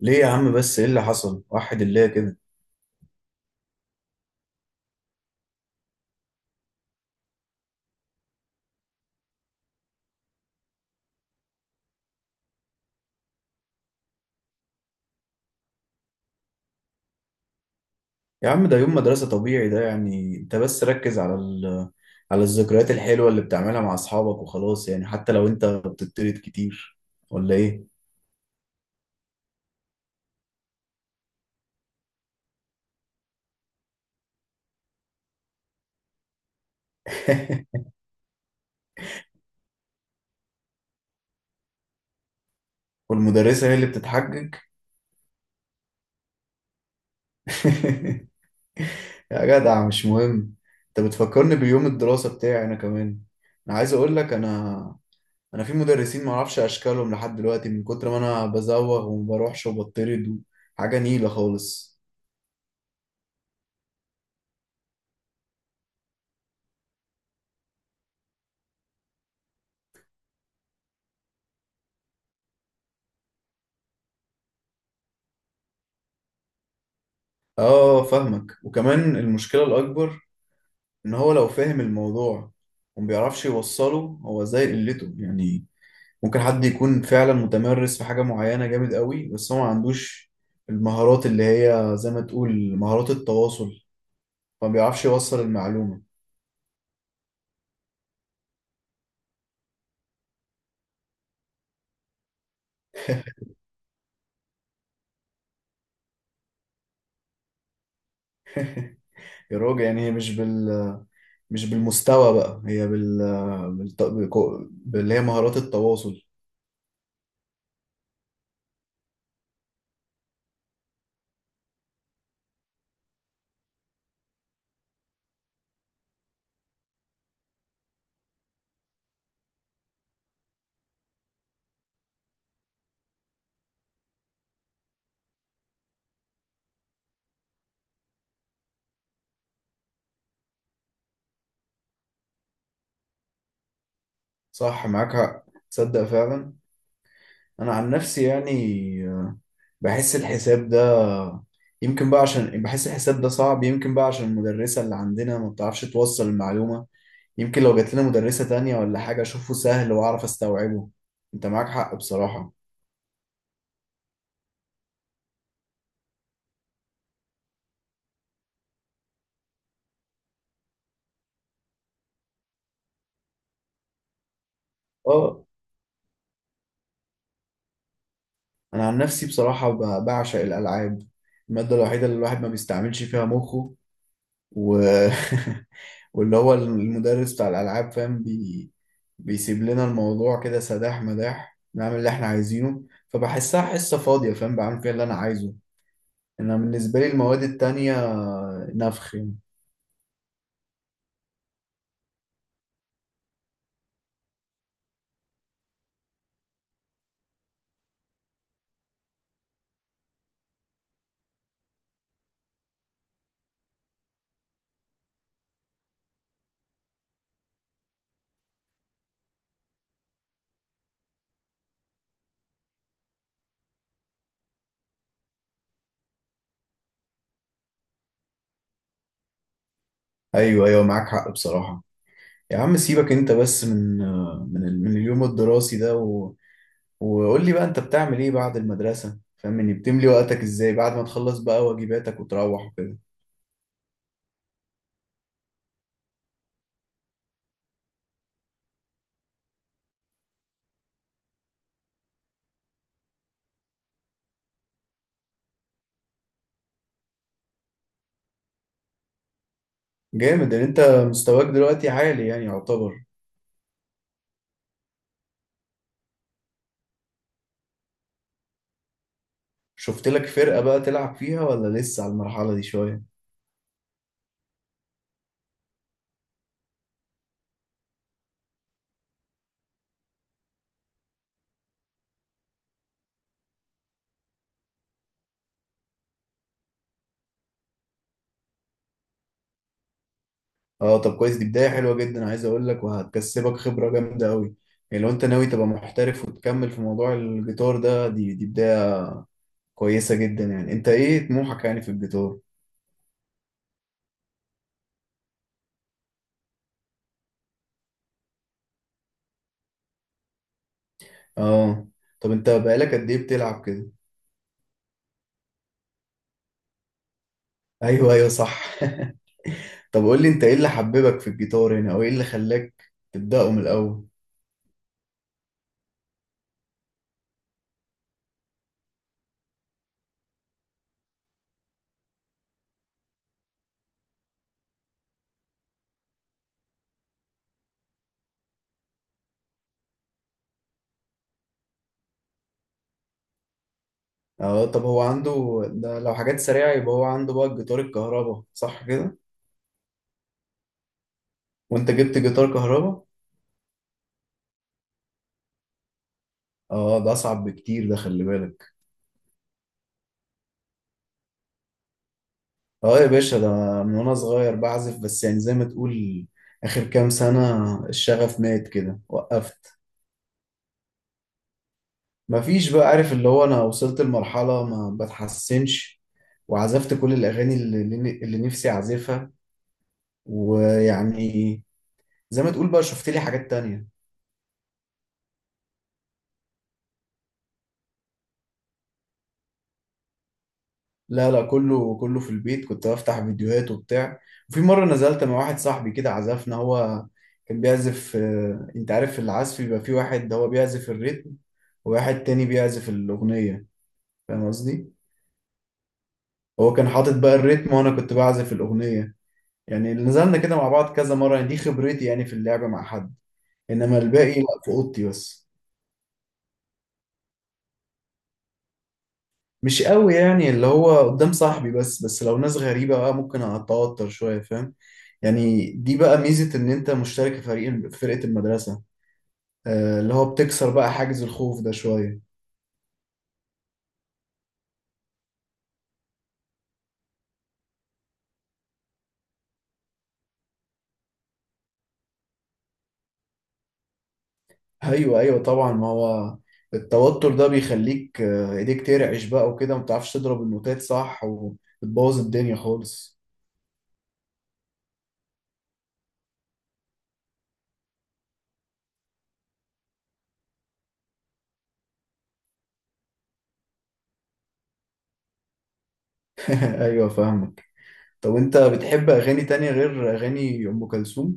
ليه يا عم؟ بس ايه اللي حصل وحد الله كده؟ يا عم ده يوم مدرسة طبيعي، ده يعني انت بس ركز على على الذكريات الحلوة اللي بتعملها مع اصحابك وخلاص، يعني حتى لو انت بتطرد كتير، ولا ايه؟ والمدرسة هي اللي بتتحجج. يا جدع مش مهم. انت بتفكرني بيوم الدراسة بتاعي انا كمان. انا عايز اقول لك، انا في مدرسين ما اعرفش اشكالهم لحد دلوقتي من كتر ما انا بزوغ وما بروحش وبطرد. حاجة نيلة خالص. اه فاهمك، وكمان المشكلة الأكبر إن هو لو فاهم الموضوع وما بيعرفش يوصله، هو زي قلته يعني. ممكن حد يكون فعلا متمرس في حاجة معينة جامد قوي، بس هو ما عندوش المهارات اللي هي زي ما تقول مهارات التواصل، فما بيعرفش يوصل المعلومة. يا راجل يعني هي مش بالمستوى بقى، هي باللي هي مهارات التواصل. صح معاك حق. تصدق فعلا، أنا عن نفسي يعني بحس الحساب ده، يمكن بقى عشان بحس الحساب ده صعب يمكن بقى عشان المدرسة اللي عندنا ما بتعرفش توصل المعلومة. يمكن لو جات لنا مدرسة تانية ولا حاجة أشوفه سهل وأعرف أستوعبه. أنت معاك حق بصراحة. أه. أنا عن نفسي بصراحة بعشق الألعاب. المادة الوحيدة اللي الواحد ما بيستعملش فيها مخه و... واللي هو المدرس بتاع الألعاب فاهم بيسيب لنا الموضوع كده سداح مداح، نعمل اللي احنا عايزينه. فبحسها حصة فاضية فاهم، بعمل فيها اللي أنا عايزه. انا بالنسبه لي المواد التانية نفخ يعني. ايوه ايوه معاك حق بصراحه. يا عم سيبك انت بس من اليوم الدراسي ده. وقول لي بقى انت بتعمل ايه بعد المدرسه؟ فاهمني بتملي وقتك ازاي بعد ما تخلص بقى واجباتك وتروح وكده. جامد ان انت مستواك دلوقتي عالي يعني، يعتبر. شفت لك فرقه بقى تلعب فيها، ولا لسه على المرحله دي شويه؟ اه طب كويس، دي بدايه حلوه جدا. عايز اقول لك وهتكسبك خبره جامده قوي، يعني لو انت ناوي تبقى محترف وتكمل في موضوع الجيتار ده دي بدايه كويسة جدا. يعني انت ايه طموحك يعني في الجيتار؟ اه طب انت بقالك قد ايه بتلعب كده؟ ايوه ايوه صح. طب قول لي انت ايه اللي حببك في الجيتار هنا، او ايه اللي خلاك تبدأه من الاول؟ اه طب هو عنده ده لو حاجات سريعة، يبقى هو عنده بقى الجيتار الكهرباء صح كده؟ وانت جبت جيتار كهرباء؟ اه ده اصعب بكتير ده، خلي بالك. اه يا باشا، ده من وانا صغير بعزف، بس يعني زي ما تقول اخر كام سنة الشغف مات كده، وقفت. مفيش بقى، عارف اللي هو انا وصلت لمرحلة ما بتحسنش، وعزفت كل الاغاني اللي نفسي اعزفها، ويعني زي ما تقول بقى شفت لي حاجات تانية. لا لا، كله في البيت، كنت بفتح فيديوهات وبتاع. وفي مرة نزلت مع واحد صاحبي كده عزفنا، هو كان بيعزف انت عارف العزف بيبقى في واحد هو بيعزف الريتم، وواحد تاني بيعزف الأغنية، فاهم قصدي؟ هو كان حاطط بقى الريتم وانا كنت بعزف الأغنية. يعني اللي نزلنا كده مع بعض كذا مرة، يعني دي خبرتي يعني في اللعبة مع حد، إنما الباقي لا، في أوضتي بس. مش قوي، يعني اللي هو قدام صاحبي بس، بس لو ناس غريبة بقى ممكن أتوتر شوية فاهم. يعني دي بقى ميزة إن أنت مشترك في فريق فرقة المدرسة، اللي هو بتكسر بقى حاجز الخوف ده شوية. أيوه أيوه طبعا. ما هو التوتر ده بيخليك إيديك ترعش بقى وكده ومتعرفش تضرب النوتات صح وبتبوظ الدنيا خالص. أيوه فاهمك. طب انت بتحب اغاني تانية غير اغاني ام كلثوم؟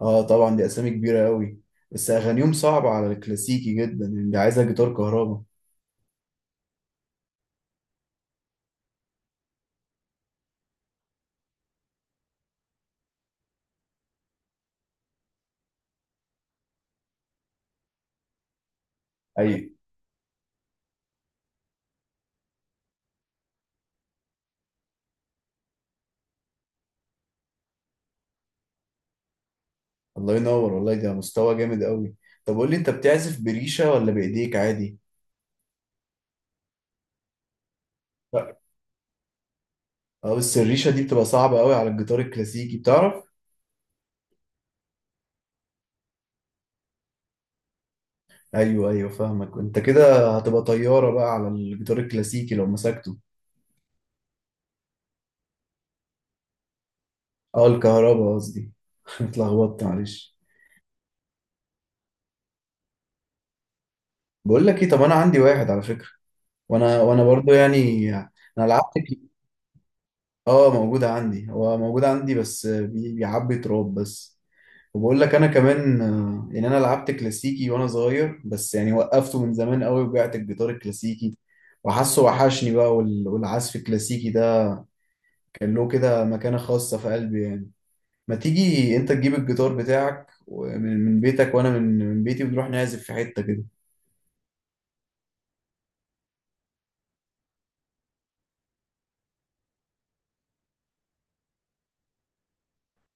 اه طبعا دي اسامي كبيرة قوي، بس اغانيهم صعبة على الكلاسيكي جدا، يعني دي عايزة جيتار كهربا. اي، الله ينور والله، ده مستوى جامد قوي. طب قول لي انت بتعزف بريشة ولا بايديك عادي؟ لا. اه بس الريشة دي بتبقى صعبة قوي على الجيتار الكلاسيكي، بتعرف؟ ايوه ايوه فاهمك، انت كده هتبقى طيارة بقى على الجيتار الكلاسيكي لو مسكته. اه الكهربا قصدي. اتلخبطت معلش. بقول لك ايه، طب انا عندي واحد على فكرة. وانا برضو يعني، انا لعبت كي- اه موجودة عندي، هو موجود عندي بس بيعبي تراب بس. وبقول لك انا كمان، يعني انا لعبت كلاسيكي وانا صغير بس يعني وقفته من زمان قوي وبعت الجيتار الكلاسيكي. وحاسه وحشني بقى، والعزف الكلاسيكي ده كان له كده مكانة خاصة في قلبي يعني. ما تيجي انت تجيب الجيتار بتاعك من من بيتك، وانا من من بيتي، ونروح نعزف في حتة كده.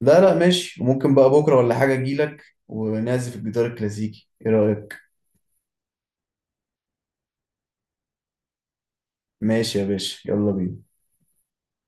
لا لا ماشي، وممكن بقى بكرة ولا حاجة اجيلك ونعزف الجيتار الكلاسيكي، ايه رأيك؟ ماشي يا باشا، يلا بينا.